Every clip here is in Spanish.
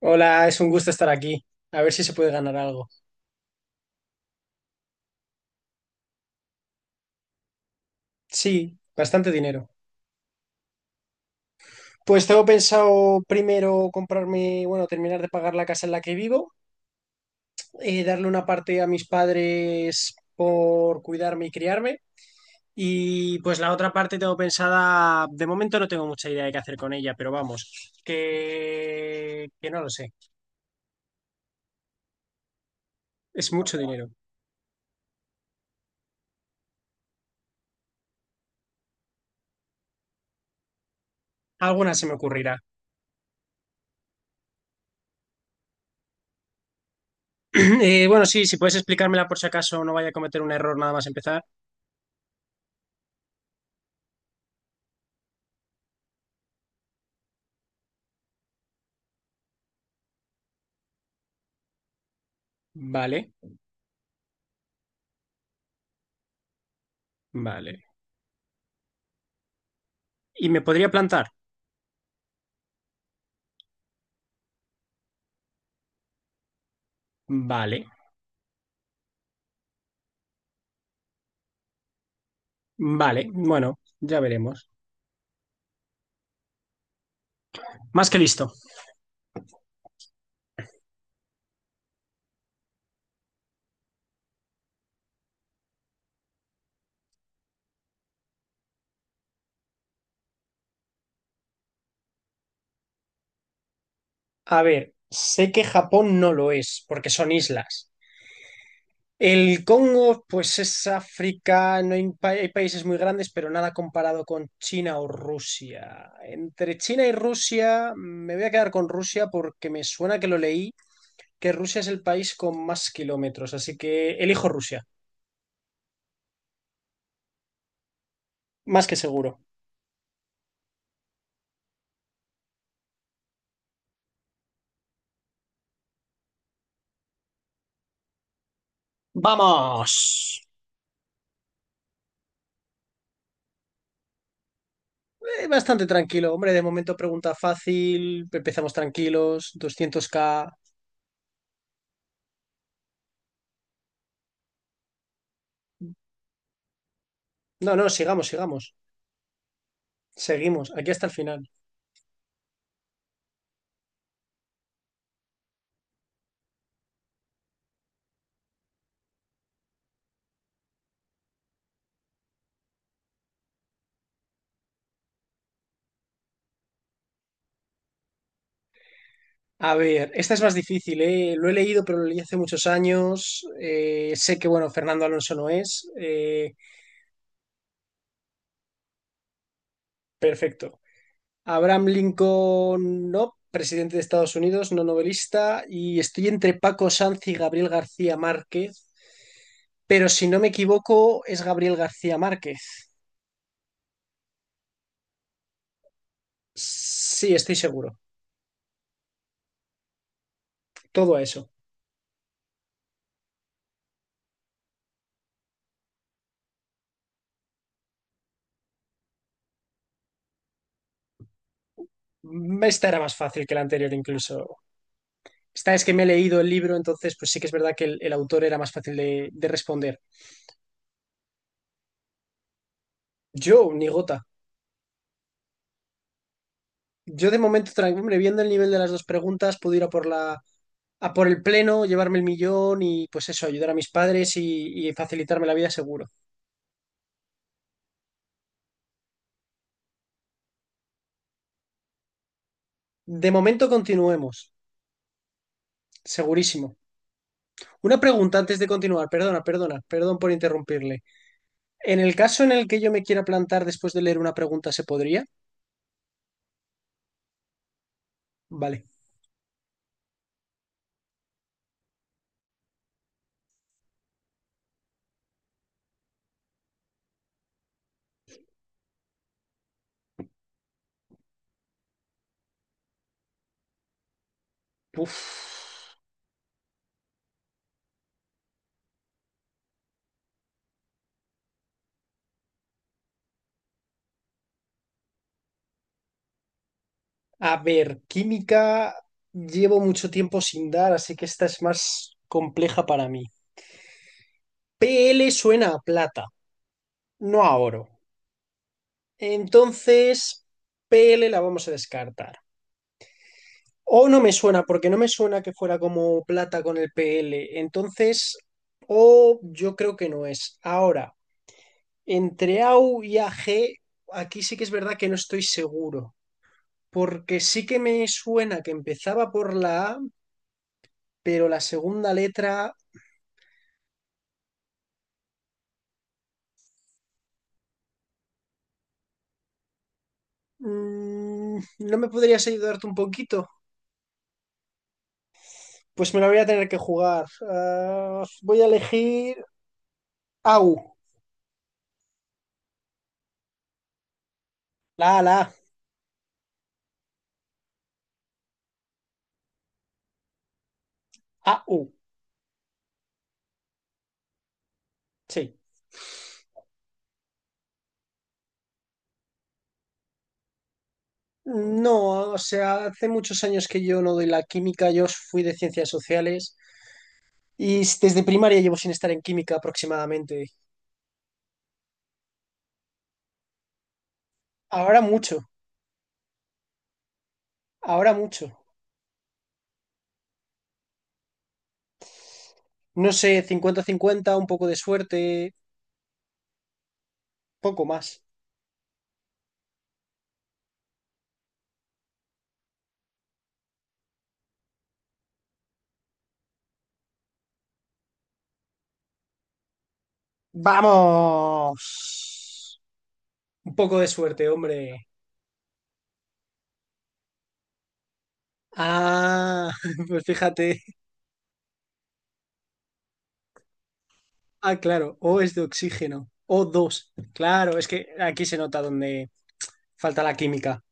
Hola, es un gusto estar aquí. A ver si se puede ganar algo. Sí, bastante dinero. Pues tengo pensado primero comprarme, bueno, terminar de pagar la casa en la que vivo, darle una parte a mis padres por cuidarme y criarme. Y pues la otra parte tengo pensada, de momento no tengo mucha idea de qué hacer con ella, pero vamos, que no lo sé. Es mucho dinero. Alguna se me ocurrirá. Bueno, sí, si puedes explicármela por si acaso no vaya a cometer un error nada más empezar. Vale, vale. ¿Y me podría plantar? Vale, vale, bueno, ya veremos. Más que listo. A ver, sé que Japón no lo es, porque son islas. El Congo, pues es África, no hay, hay países muy grandes, pero nada comparado con China o Rusia. Entre China y Rusia, me voy a quedar con Rusia porque me suena que lo leí, que Rusia es el país con más kilómetros, así que elijo Rusia, más que seguro. ¡Vamos! Bastante tranquilo, hombre, de momento pregunta fácil, empezamos tranquilos, 200K. No, no, sigamos, sigamos. Seguimos, aquí hasta el final. A ver, esta es más difícil, ¿eh? Lo he leído, pero lo leí hace muchos años. Sé que, bueno, Fernando Alonso no es. Perfecto. Abraham Lincoln, no, presidente de Estados Unidos, no novelista. Y estoy entre Paco Sanz y Gabriel García Márquez. Pero si no me equivoco, es Gabriel García Márquez. Sí, estoy seguro. Todo eso. Esta era más fácil que la anterior incluso. Esta es que me he leído el libro, entonces pues sí que es verdad que el autor era más fácil de responder. Yo, ni gota. Yo de momento, hombre, viendo el nivel de las dos preguntas, puedo ir a por el pleno, llevarme el millón y pues eso, ayudar a mis padres y facilitarme la vida seguro. De momento continuemos, segurísimo. Una pregunta antes de continuar, perdón por interrumpirle. En el caso en el que yo me quiera plantar después de leer una pregunta, ¿se podría? Vale. Uf. A ver, química llevo mucho tiempo sin dar, así que esta es más compleja para mí. PL suena a plata, no a oro. Entonces, PL la vamos a descartar. O no me suena, porque no me suena que fuera como plata con el PL. Entonces, O yo creo que no es. Ahora, entre a u y a g aquí sí que es verdad que no estoy seguro, porque sí que me suena que empezaba por la A, pero la segunda letra. ¿No me podrías ayudarte un poquito? Pues me la voy a tener que jugar. Ah, voy a elegir A U. La, A. U. Sí. No, o sea, hace muchos años que yo no doy la química. Yo fui de ciencias sociales y desde primaria llevo sin estar en química aproximadamente. Ahora mucho, ahora mucho. No sé, 50-50, un poco de suerte, poco más. ¡Vamos! Un poco de suerte, hombre. Ah, pues fíjate. Ah, claro, O es de oxígeno. O dos. Claro, es que aquí se nota donde falta la química.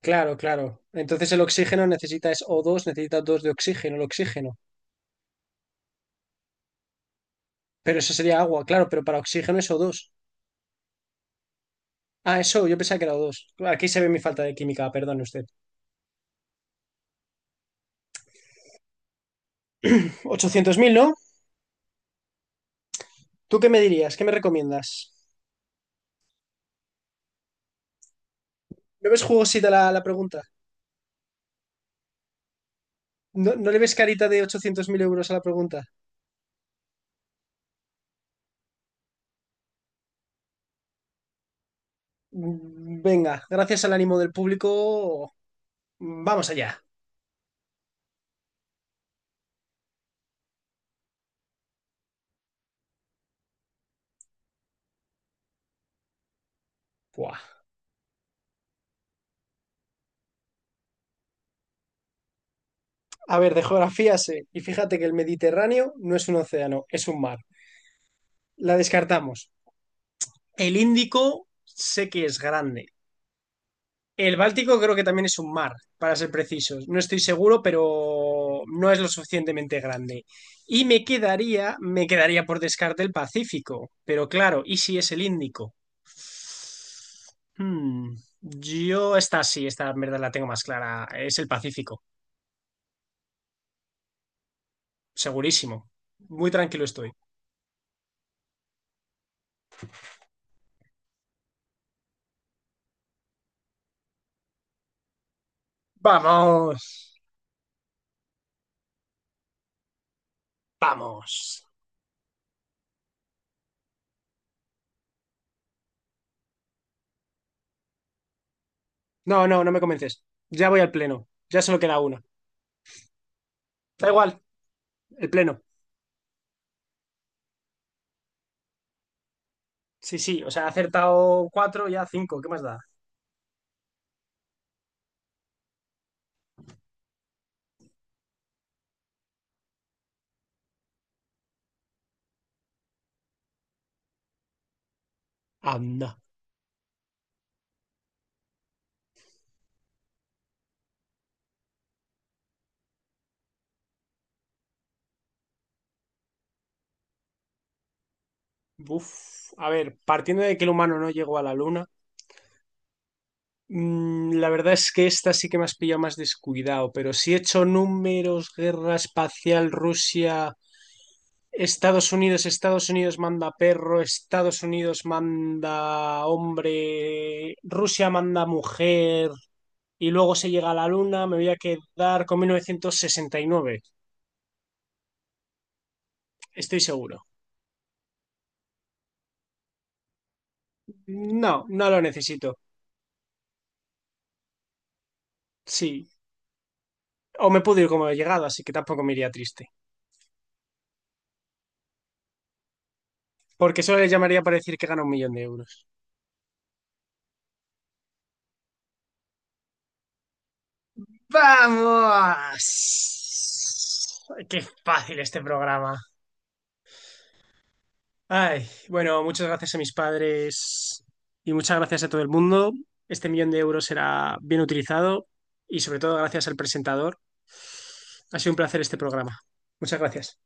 Claro, claro. Entonces el oxígeno necesita es o 2, necesita dos de oxígeno, el oxígeno. Pero eso sería agua, claro, pero para oxígeno es o dos. Ah, eso, yo pensaba que era O2. Aquí se ve mi falta de química, perdone usted. 800.000, ¿no? ¿Tú qué me dirías? ¿Qué me recomiendas? ¿No ves jugosita la pregunta? ¿No, no le ves carita de 800.000 euros a la pregunta? Venga, gracias al ánimo del público. Vamos allá. Buah. A ver, de geografía sé. Y fíjate que el Mediterráneo no es un océano, es un mar. La descartamos. El Índico sé que es grande. El Báltico creo que también es un mar, para ser precisos. No estoy seguro, pero no es lo suficientemente grande. Y me quedaría por descarte el Pacífico. Pero claro, ¿y si es el Índico? Hmm, Yo esta sí, esta en verdad la tengo más clara. Es el Pacífico, segurísimo. Muy tranquilo estoy. Vamos. Vamos. No, no, no me convences. Ya voy al pleno. Ya solo queda uno. Da igual, el pleno. Sí, sí, o sea, he acertado cuatro, ya cinco. ¿Qué más da? Anda. Uf. A ver, partiendo de que el humano no llegó a la luna, la verdad es que esta sí que me has pillado más descuidado, pero si he hecho números, guerra espacial, Rusia, Estados Unidos, Estados Unidos manda perro, Estados Unidos manda hombre, Rusia manda mujer, y luego se llega a la Luna, me voy a quedar con 1969, estoy seguro. No, no lo necesito. Sí. O me puedo ir como he llegado, así que tampoco me iría triste. Porque solo le llamaría para decir que gana un millón de euros. ¡Vamos! ¡Qué fácil este programa! Ay, bueno, muchas gracias a mis padres y muchas gracias a todo el mundo. Este millón de euros será bien utilizado y sobre todo gracias al presentador. Ha sido un placer este programa. Muchas gracias.